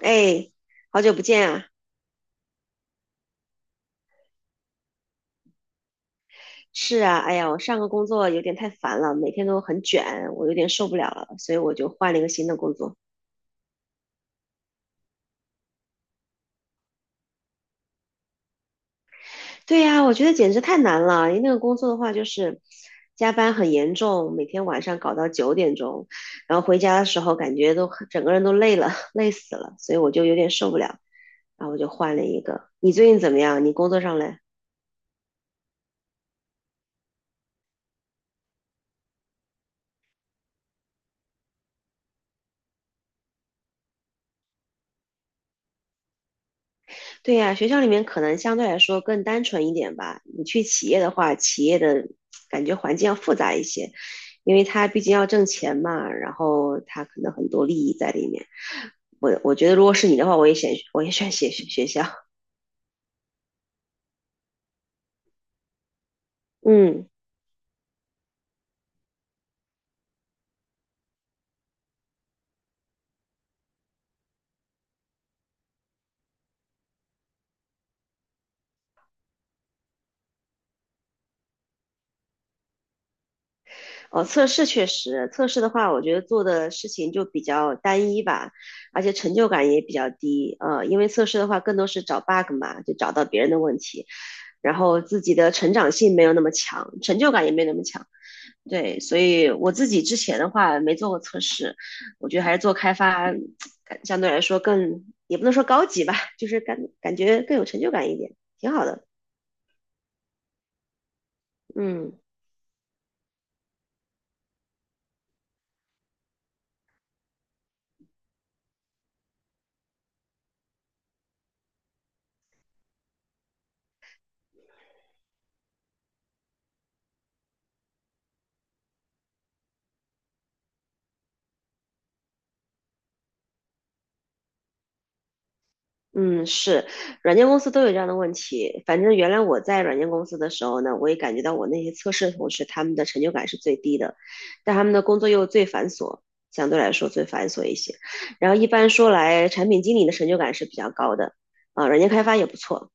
哎，好久不见啊！是啊，哎呀，我上个工作有点太烦了，每天都很卷，我有点受不了了，所以我就换了一个新的工作。对呀，我觉得简直太难了。因为那个工作的话，就是加班很严重，每天晚上搞到9点钟，然后回家的时候感觉都整个人都累了，累死了，所以我就有点受不了，然后我就换了一个。你最近怎么样？你工作上嘞？对呀，学校里面可能相对来说更单纯一点吧。你去企业的话，企业的感觉环境要复杂一些，因为它毕竟要挣钱嘛，然后它可能很多利益在里面。我觉得如果是你的话，我也选学校。嗯，哦，测试确实，测试的话，我觉得做的事情就比较单一吧，而且成就感也比较低。因为测试的话，更多是找 bug 嘛，就找到别人的问题，然后自己的成长性没有那么强，成就感也没有那么强。对，所以我自己之前的话没做过测试，我觉得还是做开发，相对来说更，也不能说高级吧，就是感觉更有成就感一点，挺好的。嗯嗯，是，软件公司都有这样的问题。反正原来我在软件公司的时候呢，我也感觉到我那些测试同事他们的成就感是最低的，但他们的工作又最繁琐，相对来说最繁琐一些。然后一般说来，产品经理的成就感是比较高的，啊，软件开发也不错。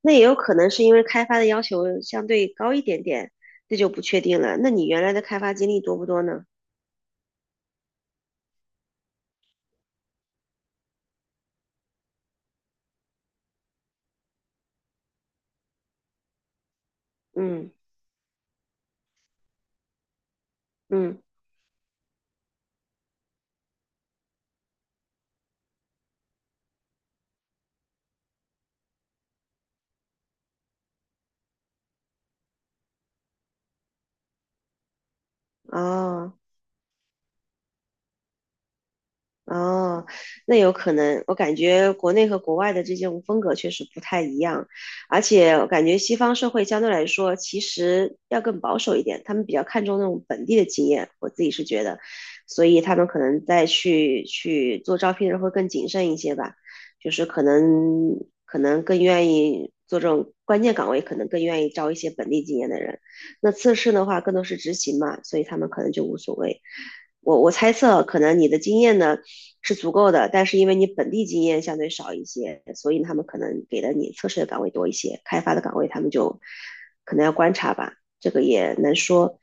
那也有可能是因为开发的要求相对高一点点，这就不确定了。那你原来的开发经历多不多呢？嗯嗯，哦。哦，那有可能，我感觉国内和国外的这种风格确实不太一样，而且我感觉西方社会相对来说其实要更保守一点，他们比较看重那种本地的经验，我自己是觉得，所以他们可能在去做招聘的时候会更谨慎一些吧，就是可能更愿意做这种关键岗位，可能更愿意招一些本地经验的人，那测试的话更多是执行嘛，所以他们可能就无所谓。我猜测，可能你的经验呢，是足够的，但是因为你本地经验相对少一些，所以他们可能给的你测试的岗位多一些，开发的岗位他们就可能要观察吧，这个也难说。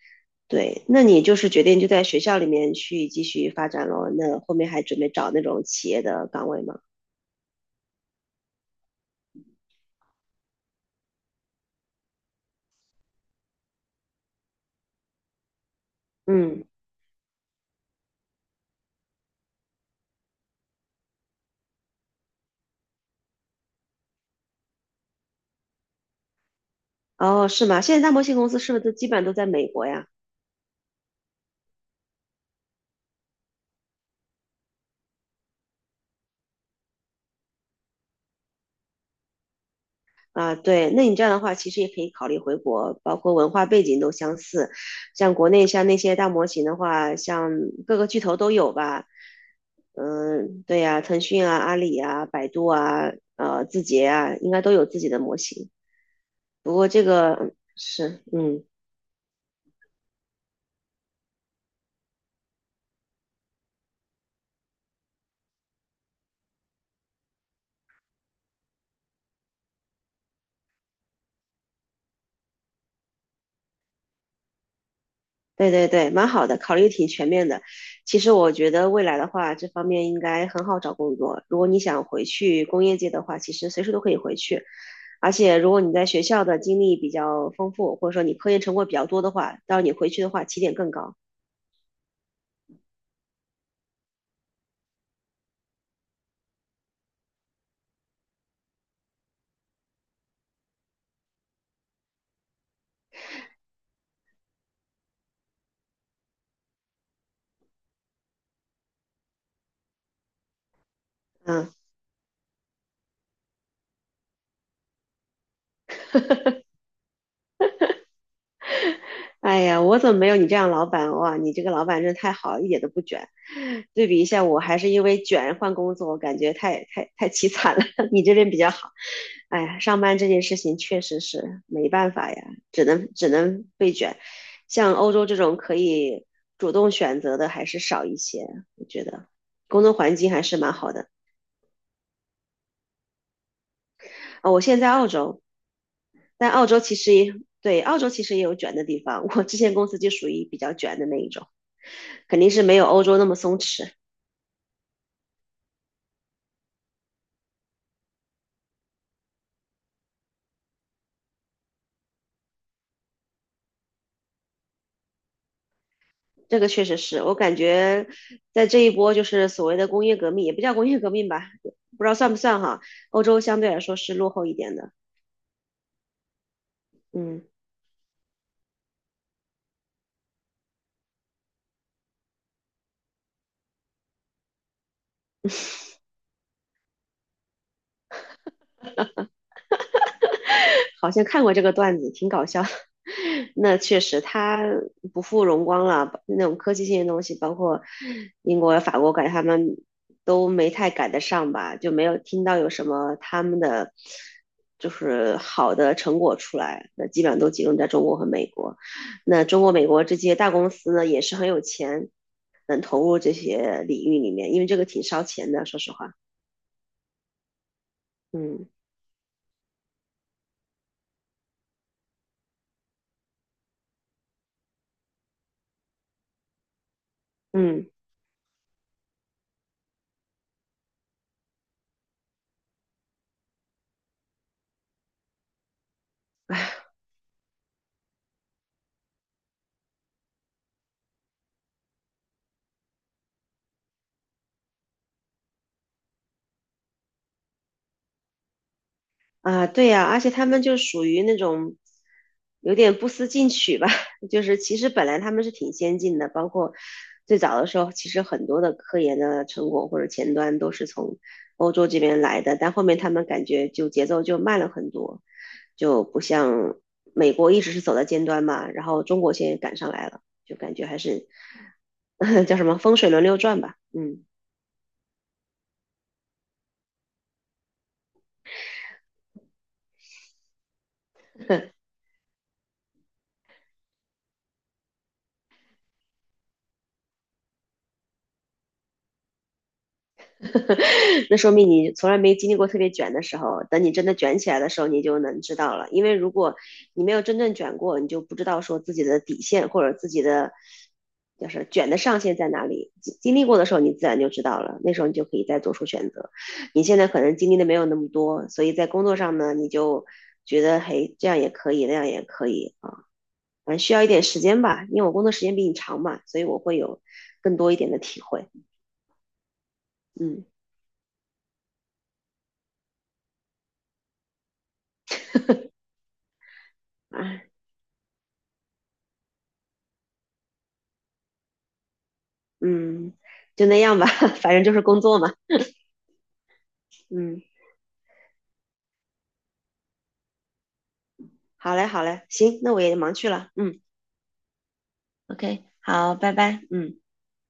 对，那你就是决定就在学校里面去继续发展咯，那后面还准备找那种企业的岗位吗？嗯，哦，是吗？现在大模型公司是不是都基本上都在美国呀？啊，对，那你这样的话，其实也可以考虑回国，包括文化背景都相似。像国内像那些大模型的话，像各个巨头都有吧。嗯，对呀，腾讯啊、阿里啊、百度啊、字节啊，应该都有自己的模型。不过这个是，嗯，对对对，蛮好的，考虑挺全面的。其实我觉得未来的话，这方面应该很好找工作。如果你想回去工业界的话，其实随时都可以回去。而且如果你在学校的经历比较丰富，或者说你科研成果比较多的话，到时候你回去的话起点更高。嗯，哎呀，我怎么没有你这样老板哇？你这个老板真的太好，一点都不卷。对比一下，我还是因为卷换工作，我感觉太太太凄惨了。你这边比较好。哎呀，上班这件事情确实是没办法呀，只能被卷。像欧洲这种可以主动选择的还是少一些，我觉得工作环境还是蛮好的。啊、哦我现在在澳洲，但澳洲其实也对，澳洲其实也有卷的地方。我之前公司就属于比较卷的那一种，肯定是没有欧洲那么松弛。这个确实是我感觉，在这一波就是所谓的工业革命，也不叫工业革命吧，不知道算不算哈。欧洲相对来说是落后一点的。嗯。好像看过这个段子，挺搞笑的 那确实，它不负荣光了。那种科技性的东西，包括英国、法国，感觉他们都没太赶得上吧，就没有听到有什么他们的就是好的成果出来。那基本上都集中在中国和美国。那中国、美国这些大公司呢，也是很有钱，能投入这些领域里面，因为这个挺烧钱的，说实话。嗯嗯。啊，对呀，而且他们就属于那种有点不思进取吧，就是其实本来他们是挺先进的，包括最早的时候，其实很多的科研的成果或者前端都是从欧洲这边来的，但后面他们感觉就节奏就慢了很多，就不像美国一直是走在尖端嘛，然后中国现在赶上来了，就感觉还是 叫什么风水轮流转吧，嗯，那说明你从来没经历过特别卷的时候，等你真的卷起来的时候，你就能知道了。因为如果你没有真正卷过，你就不知道说自己的底线或者自己的就是卷的上限在哪里。经历过的时候，你自然就知道了，那时候你就可以再做出选择。你现在可能经历的没有那么多，所以在工作上呢，你就觉得嘿，这样也可以，那样也可以啊，反正需要一点时间吧，因为我工作时间比你长嘛，所以我会有更多一点的体会，嗯。啊，嗯，就那样吧，反正就是工作嘛。嗯，好嘞，好嘞，行，那我也忙去了。嗯，OK，好，拜拜。嗯。